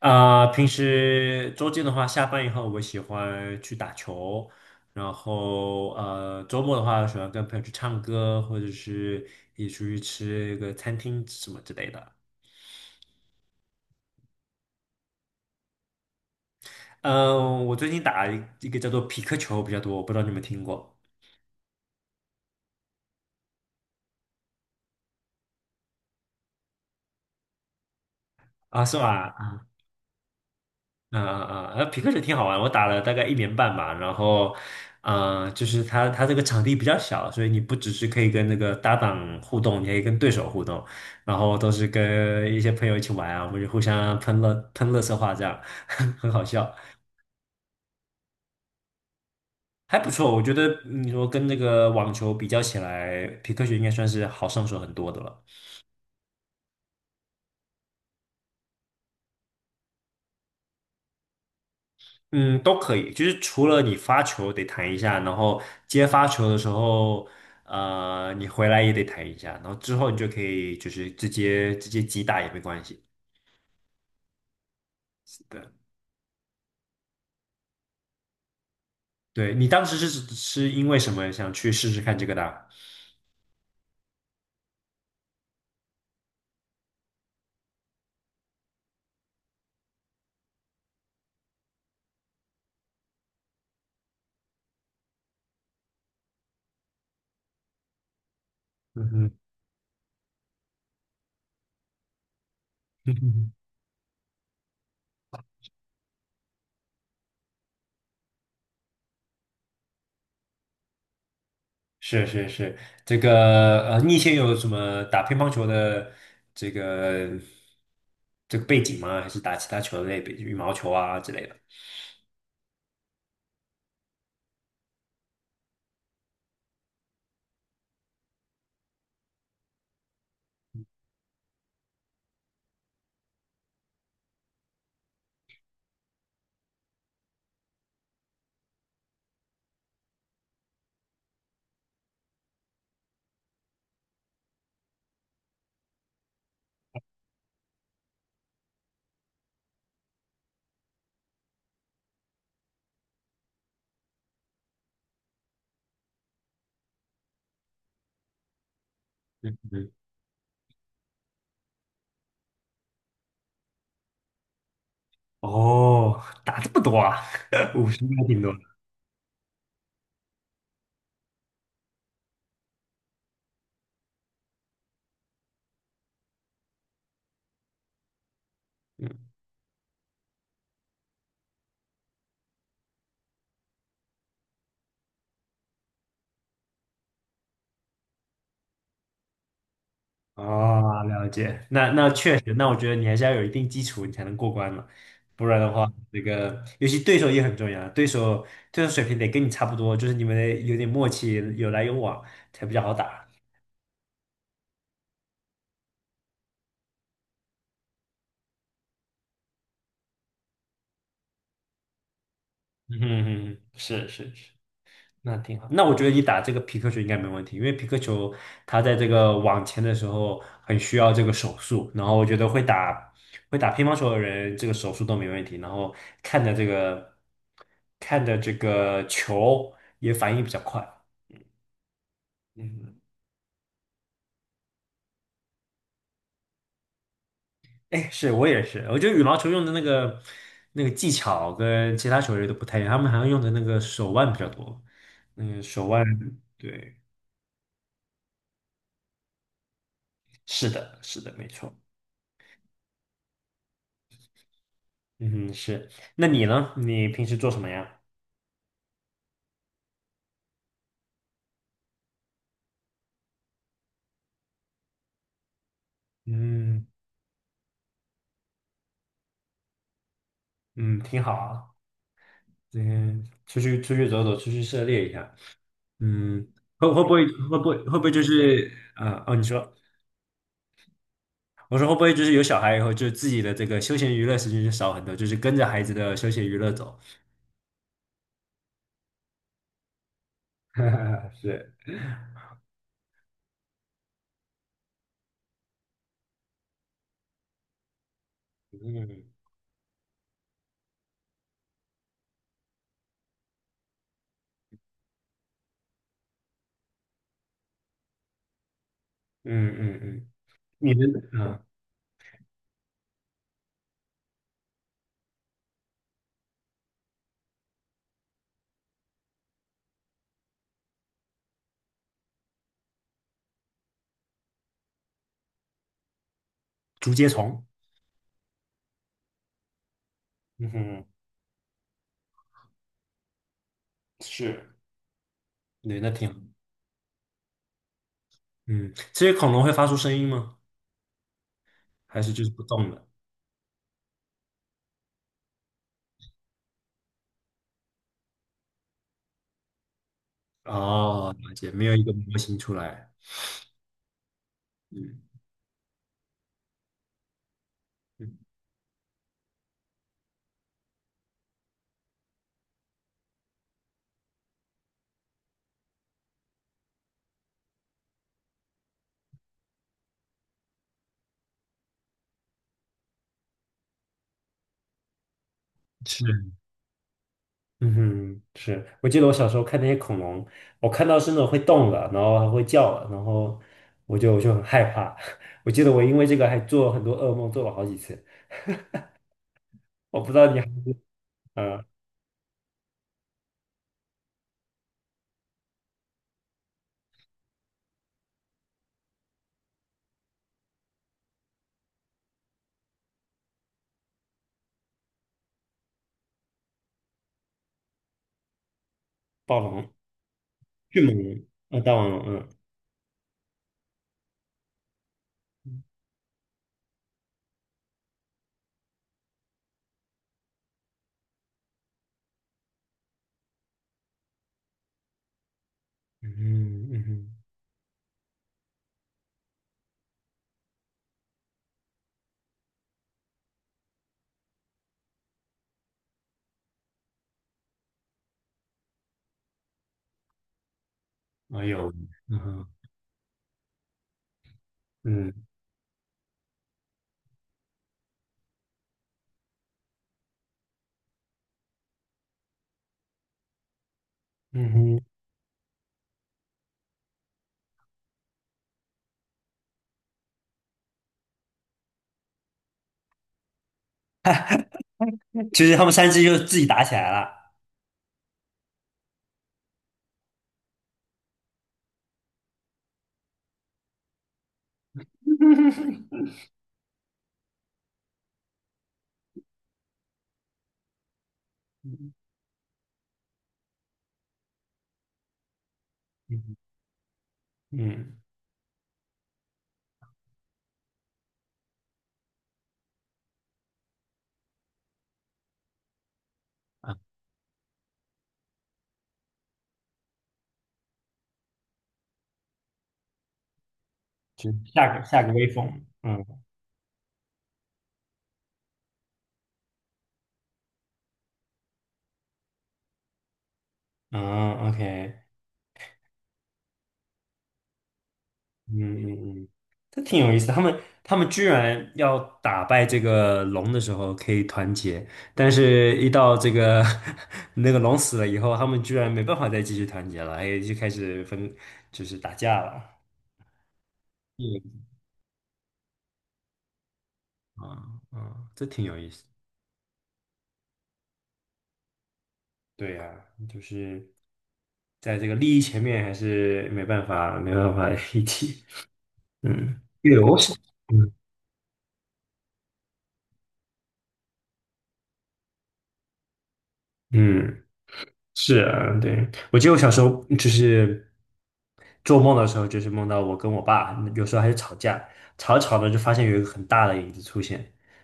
啊、平时周间的话，下班以后我喜欢去打球，然后周末的话喜欢跟朋友去唱歌，或者是一起出去吃一个餐厅什么之类的。嗯、我最近打一个叫做匹克球比较多，我不知道你们听过啊？是吧？嗯嗯嗯，匹克球挺好玩，我打了大概1年半吧。然后，啊，就是它这个场地比较小，所以你不只是可以跟那个搭档互动，你还可以跟对手互动。然后都是跟一些朋友一起玩啊，我们就互相喷乐喷乐色话，这样 很好笑，还不错。我觉得你说跟那个网球比较起来，皮克球应该算是好上手很多的了。嗯，都可以，就是除了你发球得弹一下，然后接发球的时候，你回来也得弹一下，然后之后你就可以就是直接击打也没关系。是的，对，你当时是是因为什么想去试试看这个的？嗯哼，嗯哼是是是，这个你以前有什么打乒乓球的这个这个背景吗？还是打其他球类，比如羽毛球啊之类的？嗯嗯。哦，打这么多啊，50还挺多的。嗯，哦，了解。那确实，那我觉得你还是要有一定基础，你才能过关嘛。不然的话，那个尤其对手也很重要，对手水平得跟你差不多，就是你们得有点默契，有来有往才比较好打。嗯哼哼，是是是。那挺好。那我觉得你打这个皮克球应该没问题，因为皮克球它在这个网前的时候很需要这个手速，然后我觉得会打乒乓球的人，这个手速都没问题，然后看的这个看的这个球也反应比较快。嗯，哎，是我也是，我觉得羽毛球用的那个技巧跟其他球类都不太一样，他们好像用的那个手腕比较多，嗯，手腕，对，是的，是的，没错。嗯哼，是。那你呢？你平时做什么呀？嗯嗯，挺好啊。嗯，出去走走，出去涉猎一下。嗯，会不会就是啊、哦，你说，我说会不会就是有小孩以后，就自己的这个休闲娱乐时间就少很多，就是跟着孩子的休闲娱乐走。是，嗯嗯嗯嗯，你们竹节虫，嗯哼，是，对，那挺好，嗯，这些恐龙会发出声音吗？还是就是不动的？哦，了解，没有一个模型出来。嗯嗯，是，嗯哼，是。我记得我小时候看那些恐龙，我看到是那种会动的，然后还会叫的，然后我就很害怕。我记得我因为这个还做了很多噩梦，做了好几次。我不知道你还记得呃，暴龙、迅猛龙、大王龙，嗯嗯嗯哼，哎呦，嗯哼嗯嗯哼，就是他们三只就自己打起来了。嗯嗯嗯，啊，就下个威风。嗯。啊，OK，嗯嗯嗯，这挺有意思的。他们居然要打败这个龙的时候可以团结，但是一到这个 那个龙死了以后，他们居然没办法再继续团结了，还就开始分，就是打架了。嗯啊啊，这挺有意思。对呀，就是在这个利益前面还是没办法，没办法一起。嗯，对，我嗯嗯，是啊，对，我记得我小时候就是。做梦的时候就是梦到我跟我爸，有时候还是吵架，吵着吵着就发现有一个很大的影子出现，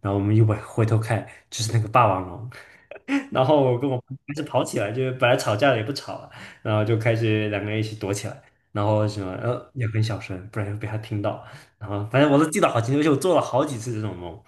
然后我们回头看，就是那个霸王龙，然后我跟我爸开始跑起来，就是本来吵架了也不吵了，然后就开始两个人一起躲起来，然后什么也很小声，不然会被他听到，然后反正我都记得好清楚，而且我做了好几次这种梦。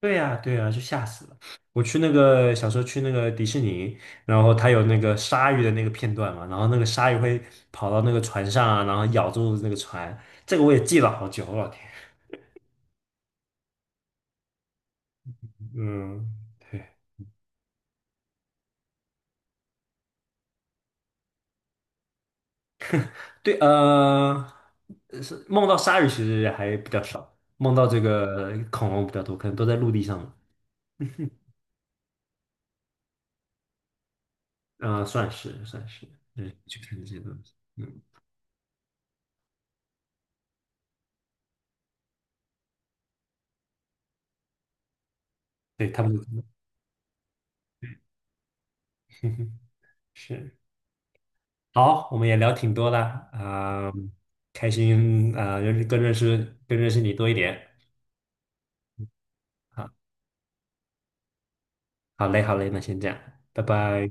对呀，对呀，就吓死了！我去那个小时候去那个迪士尼，然后它有那个鲨鱼的那个片段嘛，然后那个鲨鱼会跑到那个船上啊然后咬住那个船，这个我也记了好久，我老天，嗯，对对，是梦到鲨鱼其实还比较少，梦到这个恐龙比较多，可能都在陆地上嘛，啊、算是算是，嗯，去看这些东西，嗯，对，他们 是。好，我们也聊挺多了啊，开心啊，认识你多一点。啊，好嘞，好嘞，那先这样，拜拜。